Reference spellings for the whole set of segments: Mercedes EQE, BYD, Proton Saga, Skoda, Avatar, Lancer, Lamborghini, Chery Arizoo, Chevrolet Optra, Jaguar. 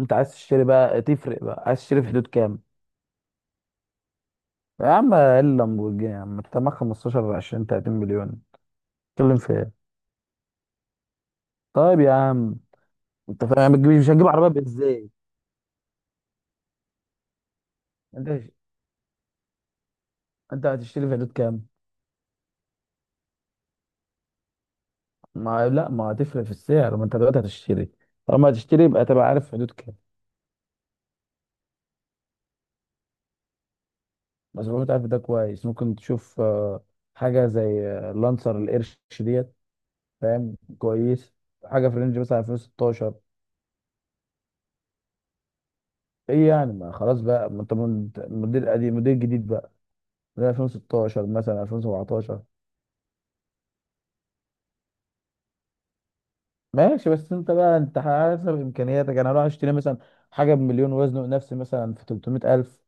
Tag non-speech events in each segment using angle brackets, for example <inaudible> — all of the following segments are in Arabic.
انت عايز تشتري بقى تفرق بقى، عايز تشتري في حدود كام؟ يا عم ايه اللامبورجيني يا عم، انت معاك 15 20 30 مليون؟ تتكلم في ايه؟ طيب يا عم، انت فاهم ما تجيبش، مش هتجيب عربيه ازاي؟ انت هش- انت هتشتري في حدود كام؟ ما لا، ما هتفرق في السعر، ما انت دلوقتي هتشتري، طالما هتشتري يبقى تبقى عارف في حدود كام. بس لو انت عارف ده كويس، ممكن تشوف حاجه زي لانسر القرش ديت. فاهم كويس، حاجه في رينج مثلا 2016. ايه يعني، ما خلاص بقى، ما انت موديل قديم موديل جديد بقى، من 2016 مثلا 2017. ماشي، بس انت بقى انت حسب امكانياتك يعني. انا هروح اشتري مثلا حاجه بمليون وزنه نفسي مثلا في 300 الف.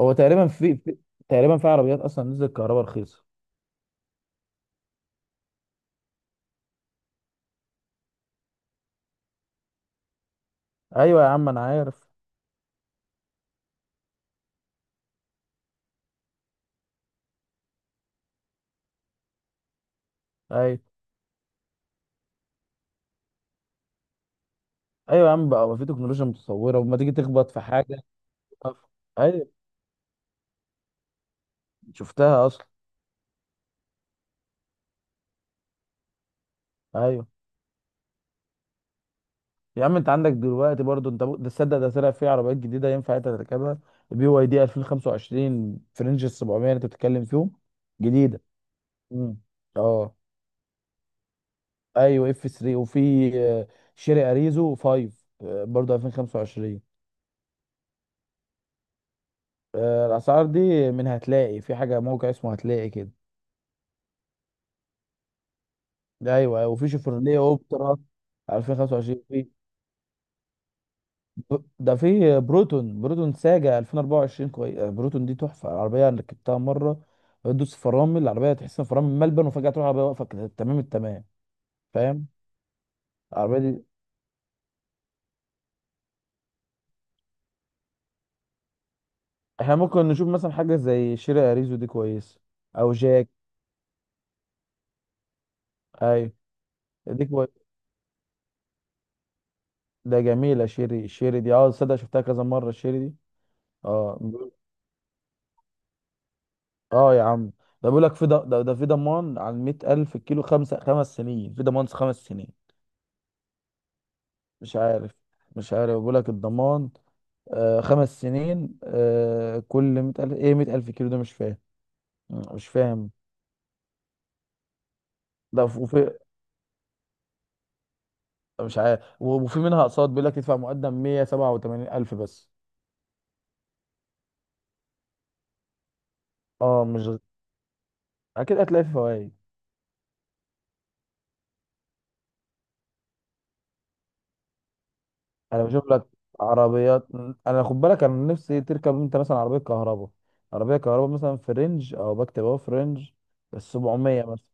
هو تقريبا في تقريبا في عربيات اصلا نزلت كهرباء رخيصه. ايوه يا عم انا عارف. ايوه. ايوه يا عم بقى، في تكنولوجيا متطوره وما تيجي تخبط في حاجه تقف. ايوه. شفتها اصلا. ايوه يا عم، انت عندك دلوقتي برضو انت ده تصدق، ده طلع في عربيات جديده ينفع انت تركبها. بي واي دي 2025 في رينج ال 700 اللي انت بتتكلم فيهم. جديده. امم. اه. ايوه اف 3 وفي آه، شيري اريزو 5 برضه 2025. الاسعار دي من، هتلاقي في حاجه موقع اسمه، هتلاقي كده. ايوه. أيوة، وفي شيفروليه اوبترا 2025. في ده في بروتون، بروتون ساجا 2024 كويس. بروتون دي تحفه، العربيه انا ركبتها مره، بتدوس فرامل العربيه تحس ان فرامل ملبن، وفجاه تروح العربيه واقفه كده تمام التمام. فاهم. العربيه دي. احنا ممكن نشوف مثلا حاجه زي شيري اريزو دي كويس. او جاك. ايوه. دي كويس. ده جميلة شيري، الشيري دي اه، تصدق شفتها كذا مرة الشيري دي. اه بيقول- اه يا عم، ده بيقول لك في ده في ضمان على مية ألف الكيلو، خمس سنين في ضمان، خمس سنين. مش عارف. مش عارف، بيقول لك الضمان آه خمس سنين، آه كل مية ألف، ايه مية ألف كيلو ده مش فاهم. مش فاهم. ده وفي، مش عارف. وفي منها أقساط، بيقول لك تدفع مقدم مية سبعة وتمانين ألف بس. اه مش، أكيد هتلاقي في فوائد. انا بشوف لك عربيات. انا خد بالك، انا نفسي تركب انت مثلا عربيه كهرباء. عربيه كهرباء مثلا في رينج، او بكتب اهو في رينج ال 700 مثلا.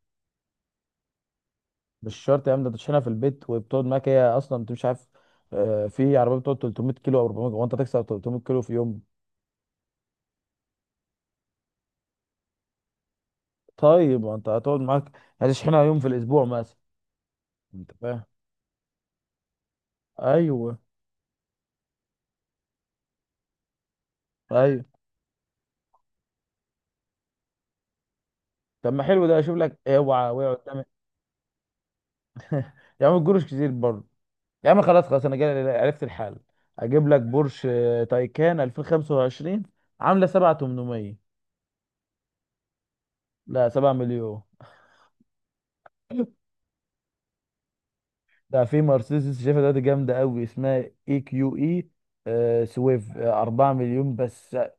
مش شرط يا عم، ده تشحنها في البيت وبتقعد معاك هي اصلا، انت مش عارف. في عربيه بتقعد 300 كيلو او 400، وانت تكسر 300 كيلو في يوم؟ طيب ما انت هتقعد معاك، هتشحنها يوم في الاسبوع مثلا. انت فاهم. ايوه. ايوه. طب ما حلو ده. اشوف لك، اوعى وقع قدامي. <laughs> يا عم الجروش كتير. يا عم خلاص، خلاص انا جاي عرفت الحل، اجيب لك بورش تايكان 2025، عامله 7800. لا 7 مليون. ده في مرسيدس شايفها دلوقتي جامده قوي، اسمها اي كيو اي سويف 4 مليون بس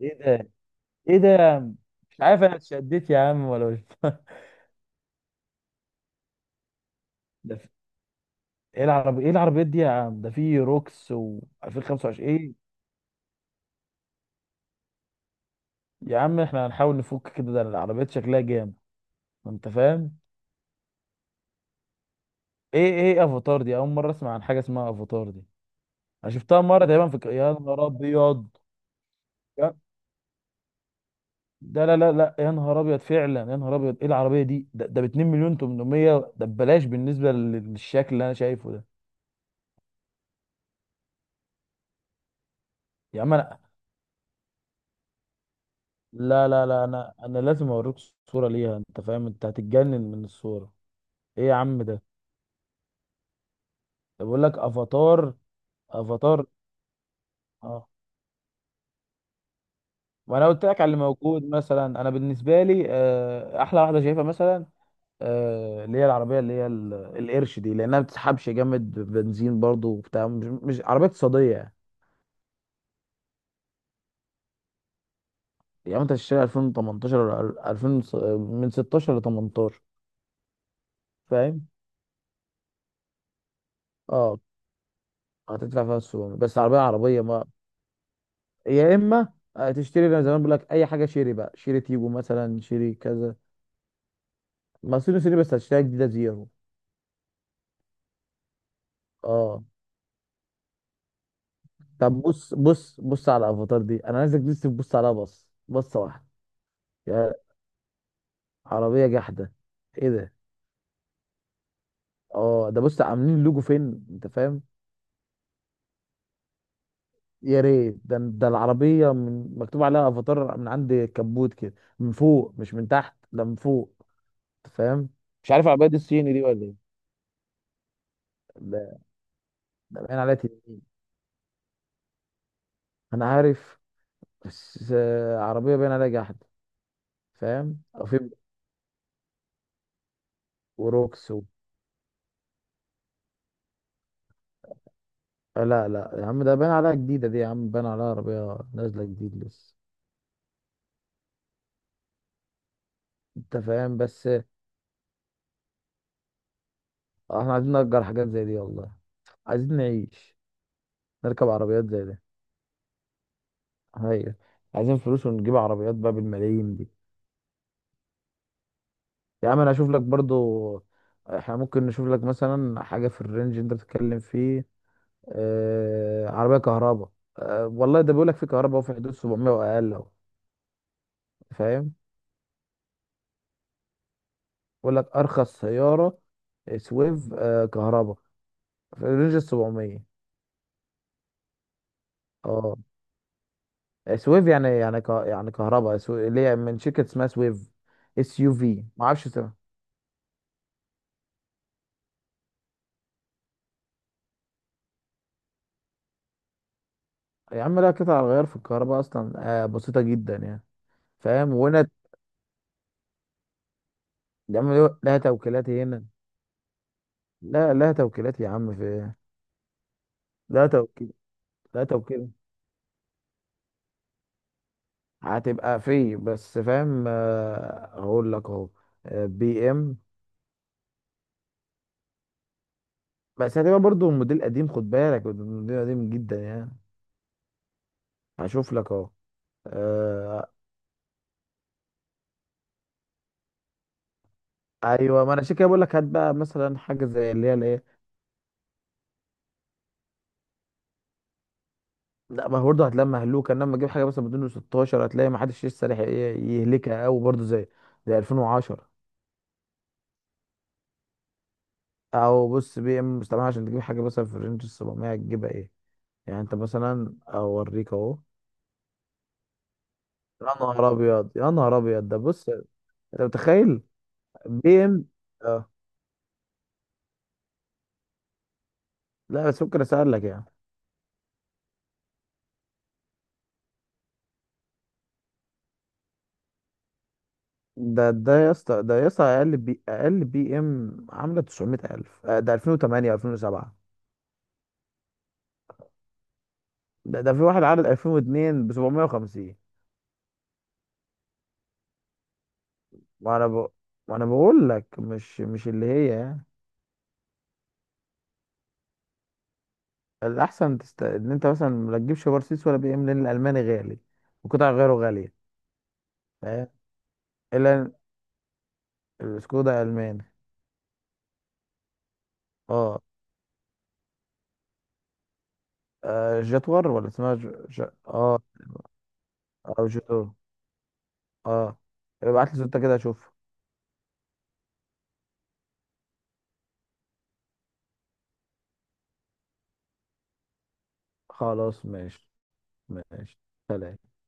ايه ده، ايه ده يا عم؟ مش عارف انا اتشدت يا عم ولا مش <laughs> ده في- ايه العربي، ايه العربيات دي يا عم، ده في روكس و 2025 ايه؟ يا عم احنا هنحاول نفك كده، ده العربيات شكلها جامد. انت فاهم. ايه ايه افاتار دي؟ اول مره اسمع عن حاجه اسمها افاتار دي. انا شفتها مره تقريبا في يا نهار ابيض. يا- ده لا لا لا، يا نهار ابيض فعلا، يا نهار ابيض ايه العربيه دي، ده ب 2 مليون 800 ده ببلاش بالنسبه للشكل اللي انا شايفه ده. يا عم انا، لا لا لا، انا لازم اوريك صوره ليها، انت فاهم، انت هتتجنن من الصوره. ايه يا عم ده، ده بقول لك افاتار. افاتار. اه. وانا قلت لك على اللي موجود مثلا، انا بالنسبه لي احلى واحده شايفها مثلا اللي هي العربيه اللي هي القرش دي، لانها ما بتسحبش جامد بنزين برضو وبتاع، مش عربيه اقتصاديه يعني. يعني انت تشتري 2018 ولا 2000 من 16 ل 18. فاهم. اه. هتدفع فيها السوق بس عربيه، عربيه ما. يا اما تشتري زي ما بقول لك اي حاجه، شيري بقى، شيري تيجو مثلا، شيري كذا. ما صيني صيني، بس هتشتريها جديده زيرو. اه. طب بص بص، بص على الافاتار دي، انا عايزك بس تبص عليها بص بصه واحده. يا عربيه جحده. ايه ده؟ اه، ده بص عاملين اللوجو فين، انت فاهم. يا ريت، ده العربيه من، مكتوب عليها افاتار من عند الكبوت كده من فوق، مش من تحت، ده من فوق. انت فاهم. مش عارف العربيه دي الصيني دي ولا ايه. ده باين عليها انا عارف. بس عربيه باين عليها جحد، فاهم. او في وروكس و... لا لا يا عم، ده باين عليها جديده دي، يا عم باين عليها عربيه نازله جديد لسه. انت فاهم بس احنا عايزين نأجر حاجات زي دي والله. عايزين نعيش، نركب عربيات زي دي. هي. عايزين فلوس ونجيب عربيات بقى بالملايين دي. يا عم انا اشوف لك برضو. احنا ممكن نشوف لك مثلا حاجة في الرينج انت بتتكلم فيه. آه عربية كهرباء. آه والله، ده بيقول لك في كهرباء في حدود 700 واقل اهو. فاهم. بيقول لك ارخص سيارة سويف آه كهرباء في رينج ال 700. اه. سويف يعني، يعني كهرباء، اللي هي من شركة اسمها سويف. اس يو في، ما اعرفش اسمها. يا عم لا، قطع الغيار في الكهرباء اصلا آه بسيطة جدا يعني. فاهم. وهنا لا توكيلات هنا، لا لا، توكيلات يا عم في إيه؟ لا توكيل. لا توكيل. هتبقى في بس، فاهم هقول لك اهو. بي ام. بس هتبقى برضو الموديل قديم، خد بالك الموديل قديم جدا يعني. هشوف لك اهو آه، ايوه، ما انا عشان كده بقول لك هات بقى مثلا حاجه زي اللي هي الايه. لا ما هو برضه هتلاقي مهلوكه، انما تجيب حاجه مثلا بدون 16، هتلاقي ما حدش لسه لحق يهلكها او برضه زي 2010. او بص، بي ام مستعمل، عشان تجيب حاجه مثلا في رينج 700 تجيبها ايه، يعني انت مثلا اوريك اهو. يا نهار ابيض، يا نهار ابيض، ده بص انت متخيل. بي ام. اه، لا بس ممكن اسالك يعني. ده يا اسطى، اقل بي، اقل بي ام عامله 900,000 ده 2008 و2007. ده في واحد عارض 2002 ب 750. وانا ب... وانا بقول لك مش اللي هي يعني. ان انت مثلا ما تجيبش مرسيدس ولا بي ام، لان الالماني غالي وقطع غيره غاليه. فاهم. الا. السكودا الماني. اه. آه جاتور، ولا اسمها اه، او جاتور. اه. ابعت لي صورتها كده اشوف. خلاص ماشي. ماشي. سلام.